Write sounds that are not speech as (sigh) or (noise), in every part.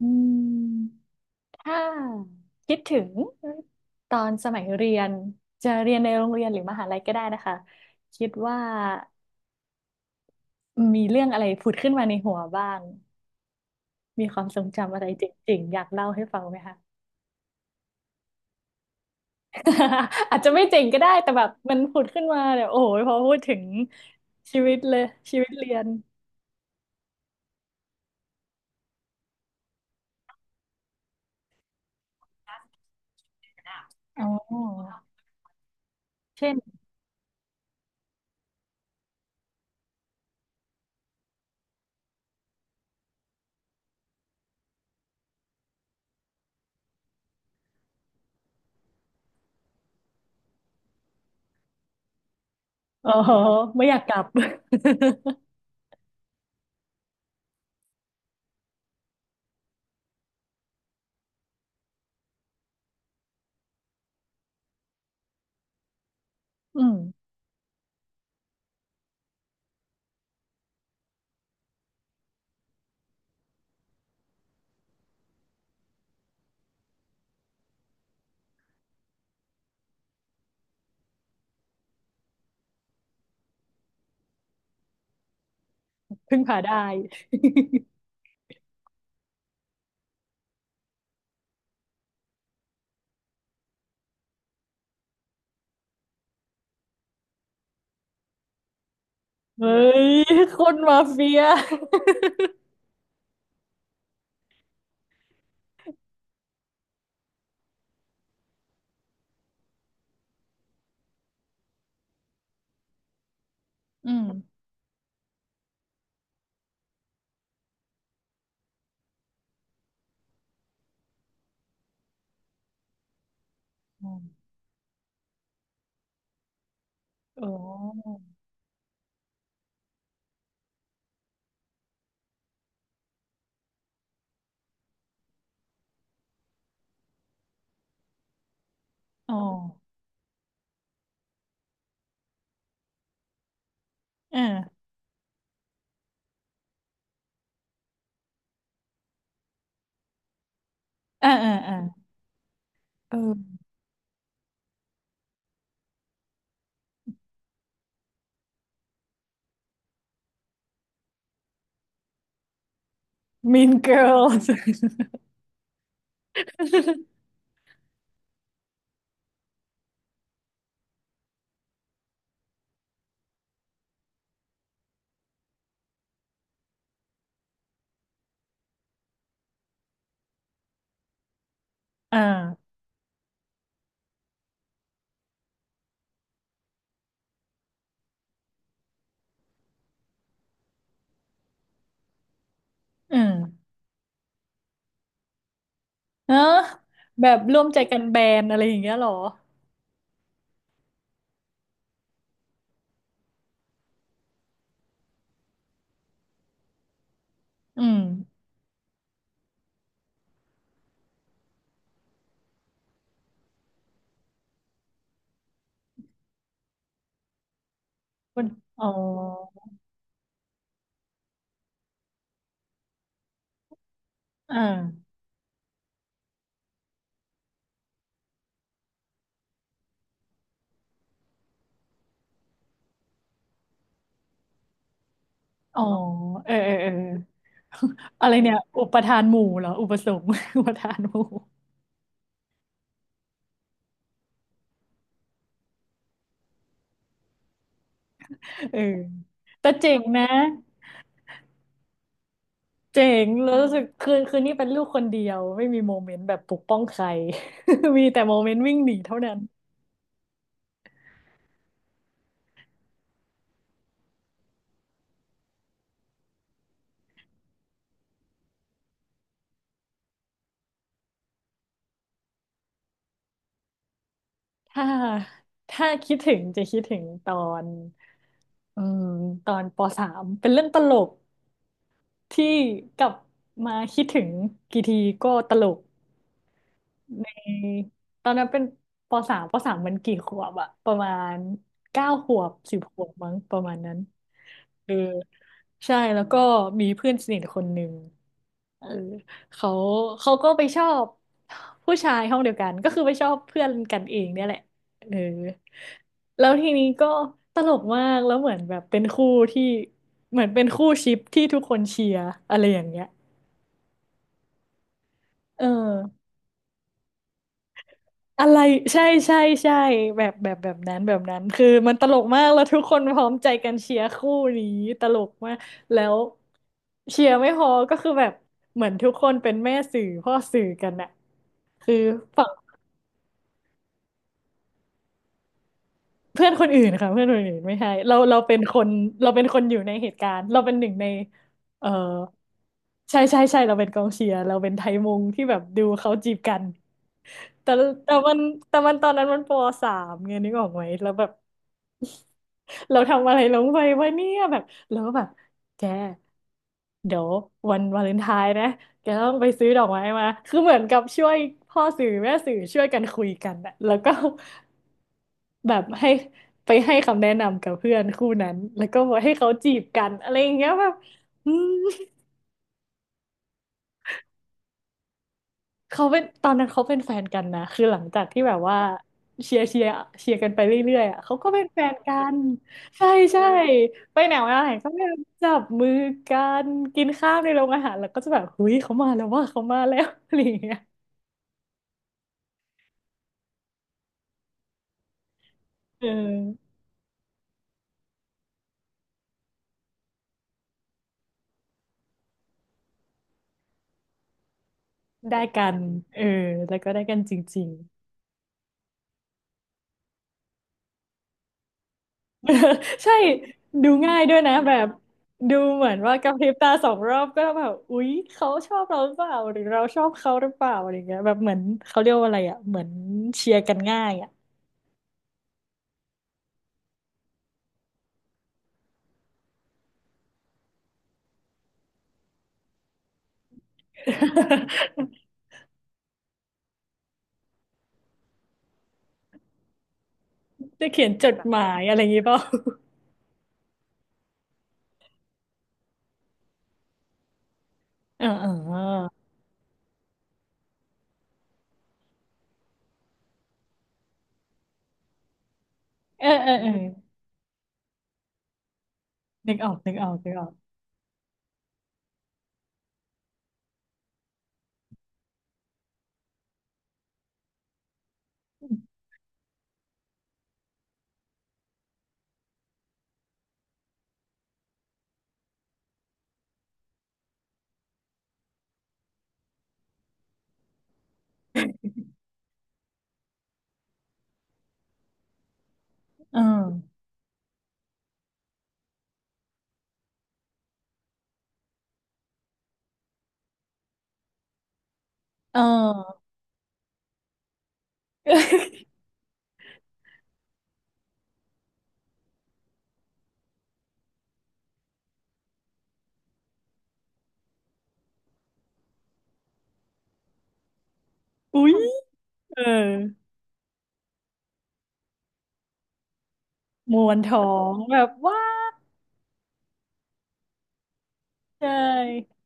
อืมถ้าคิดถึงตอนสมัยเรียนจะเรียนในโรงเรียนหรือมหาลัยก็ได้นะคะคิดว่ามีเรื่องอะไรผุดขึ้นมาในหัวบ้างมีความทรงจำอะไรเจ๋งๆอยากเล่าให้ฟังไหมคะ (laughs) อาจจะไม่เจ๋งก็ได้แต่แบบมันผุดขึ้นมาเดี๋ยวโอ้โหพอพูดถึงชีวิตเลยชีวิตเรียนอ๋อเช่น (laughs) โอ้โหไม่อยากกลับ (laughs) อืมพึ่งพาได้ เฮ้ยคนมาเฟียอืมอมอ๋ออ๋ออ่าอ่าอ่าอ่าเออ Mean Girls อ่าอืมเนอะแบบร่วมใจกันแบนอะไรอย่างเงี้ยเหรออืมคนอ๋ออ่าอ๋อเออเออเอออะไรเนี่ยอุปทานหมู่เหรออุปสงค์ (laughs) อุปทานหมู่เออแต่เจ๋งนะ เจ๋งแล้วรู้สึกคืนนี้เป็นลูก คนเดียว ไม่มีโมเมนต์แบบปกป้องใคร (laughs) มีแต่โมเมนต์วิ่งหนีเท่านั้นถ้าถ้าคิดถึงจะคิดถึงตอนอืมตอนปสามเป็นเรื่องตลกที่กลับมาคิดถึง กี่ทีก็ตลกในตอนนั้นเป็นปสามมันกี่ขวบอะประมาณ9 ขวบ10 ขวบมั้งประมาณนั้นเออใช่แล้วก็มีเพื่อนสนิทคนหนึ่ง เออเขาเขาก็ไปชอบผู้ชายห้องเดียวกันก็คือไปชอบเพื่อนกันเองเนี่ยแหละเออแล้วทีนี้ก็ตลกมากแล้วเหมือนแบบเป็นคู่ที่เหมือนเป็นคู่ชิปที่ทุกคนเชียร์อะไรอย่างเงี้ยเอออะไรใช่ใช่ใช่แบบแบบแบบนั้นแบบนั้นคือมันตลกมากแล้วทุกคนพร้อมใจกันเชียร์คู่นี้ตลกมากแล้วเชียร์ไม่พอก็คือแบบเหมือนทุกคนเป็นแม่สื่อพ่อสื่อกันอะคือ เพื่อนคนอื่นค่ะเพื่อนคนอื่นไม่ใช่เราเราเป็นคนอยู่ในเหตุการณ์เราเป็นหนึ่งในเออใช่ใช่ใช่เราเป็นกองเชียร์เราเป็นไทยมุงที่แบบดูเขาจีบกันแต่แต่มันแต่มันตอนนั้นมันปสามไงนึกออกไหมแล้วแบบเราทำอะไรลงไปวะเนี่ยแบบแล้วก็แบบแก เดี๋ยววันวาเลนไทน์นะแกต้องไปซื้อดอกไม้มา คือเหมือนกับช่วยพ่อสื่อแม่สื่อช่วยกันคุยกันอะแล้วก็แบบให้ไปให้คำแนะนำกับเพื่อนคู่นั้นแล้วก็บอกให้เขาจีบกันอะไรอย่างเงี้ยแบบอืม เขาเป็นตอนนั้นเขาเป็นแฟนกันนะคือหลังจากที่แบบว่าเชียร์เชียร์เชียร์กันไปเรื่อยๆอ่ะเขาก็เป็นแฟนกันใช่ใช่ไปไหนมาไหนก็แบบจับมือกันกินข้าวในโรงอาหารแล้วก็จะแบบเฮ้ยเขามาแล้วว่าเขามาแล้ว (laughs) อะไรอย่างเงี้ยเออได้กันเออแล้วก็ได้กันจริง (laughs) ใช่ดูง่ายด้วยนะแบบดูเหมือนว่ากระพริบตา2 รอบก็แบบอุ๊ยเขาชอบเราหรือเปล่าหรือเราชอบเขาหรือเปล่าอะไรเงี้ยแบบเหมือนเขาเรียกว่าอะไรอ่ะเหมือนเชียร์กันง่ายอ่ะ (laughs) จะเขียนจดหมายอะไรอย่างงี้เปล่า (laughs) เออเออเออเออเออนึกออกนึกออกนึกออกเออเออ (laughs) อุ๊ยเออมวนท้องแบบว้าวเลย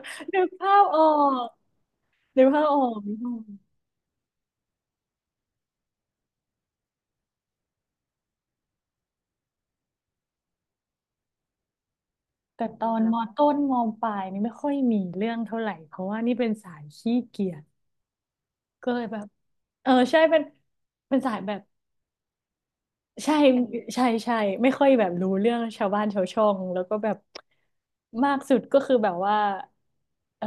(laughs) นึกภาพออกนึกภาพออกนึกภาพออก แต่ตอนมอต้นมอปลายนี่ไม่ค่อยมีเรื่องเท่าไหร่เพราะว่านี่เป็นสายขี้เกียจก็เลยแบบเออใช่เป็นสายแบบใช่ใช่ใช่ไม่ค่อยแบบรู้เรื่องชาวบ้านชาวช่องแล้วก็แบบมากสุดก็คือแบบว่าเอ่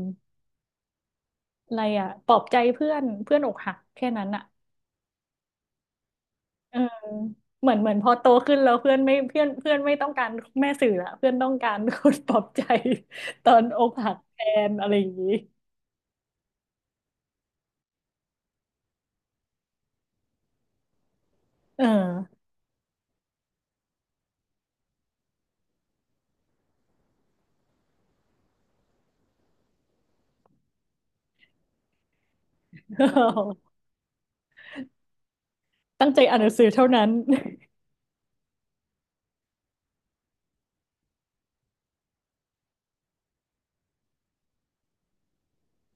ออะไรอะปลอบใจเพื่อนเพื่อนอกหักแค่นั้นอะเออเหมือนเหมือนพอโตขึ้นแล้วเพื่อนไม่ต้องการแม่สื่อละเพื่อนต้องการคนปลอบใจตอนอกหักแทนอะไรอย่างนี้เออ ตั้งใจอ่านหนังสือเท่านั้น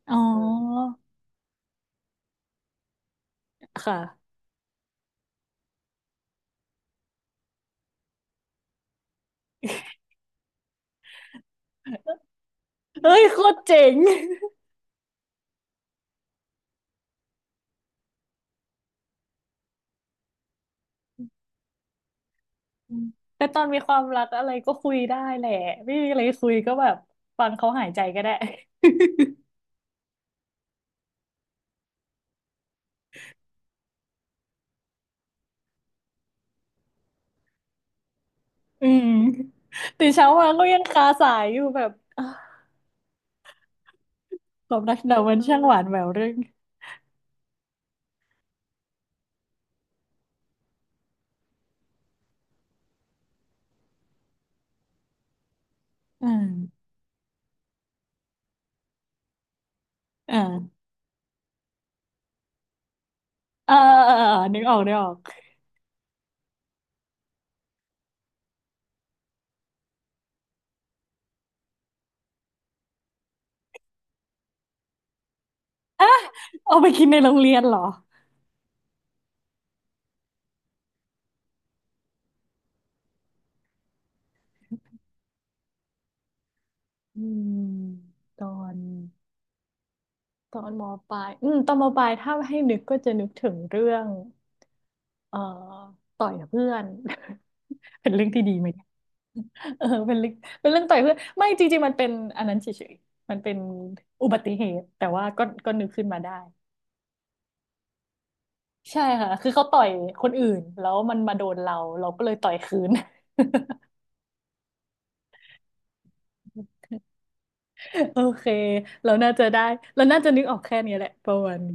อ๋อค่ะ เฮ้ย โคตรเจ๋งอืมแต่ตอนมีความรักอะไรก็คุยได้แหละ ไม่มีอะไรคุยก็แบบฟังเขาหายใจก็ได้ (laughs) อืมตื่นเช้ามาก็ยังคาสายอยู่แบบอ่ะความรักเรามันช่างหวานแหววเรื่องอืมอ่าอ่าอ่าอ่านึกออกนึกออกเอาไปกินในโรงเรียนเหรออืมตอนตอนมปลายอืมตอนมปลายถ้าให้นึกก็จะนึกถึงเรื่อง เอ่อต่อยกับเพื่อน (laughs) เป็นเรื่องที่ดีไหมเออเป็นเรื่องเป็นเรื่องต่อยเพื่อนไม่จริงๆมันเป็นอันนั้นเฉยๆมันเป็นอุบัติเหตุแต่ว่าก็นึกขึ้นมาได้ใช่ค่ะคือเขาต่อยคนอื่นแล้วมันมาโดนเราเราก็เลยต่อยคืน (laughs) โอเคเราน่าจะได้เราน่าจะนึกออกแค่นี้แหละประมาณนี้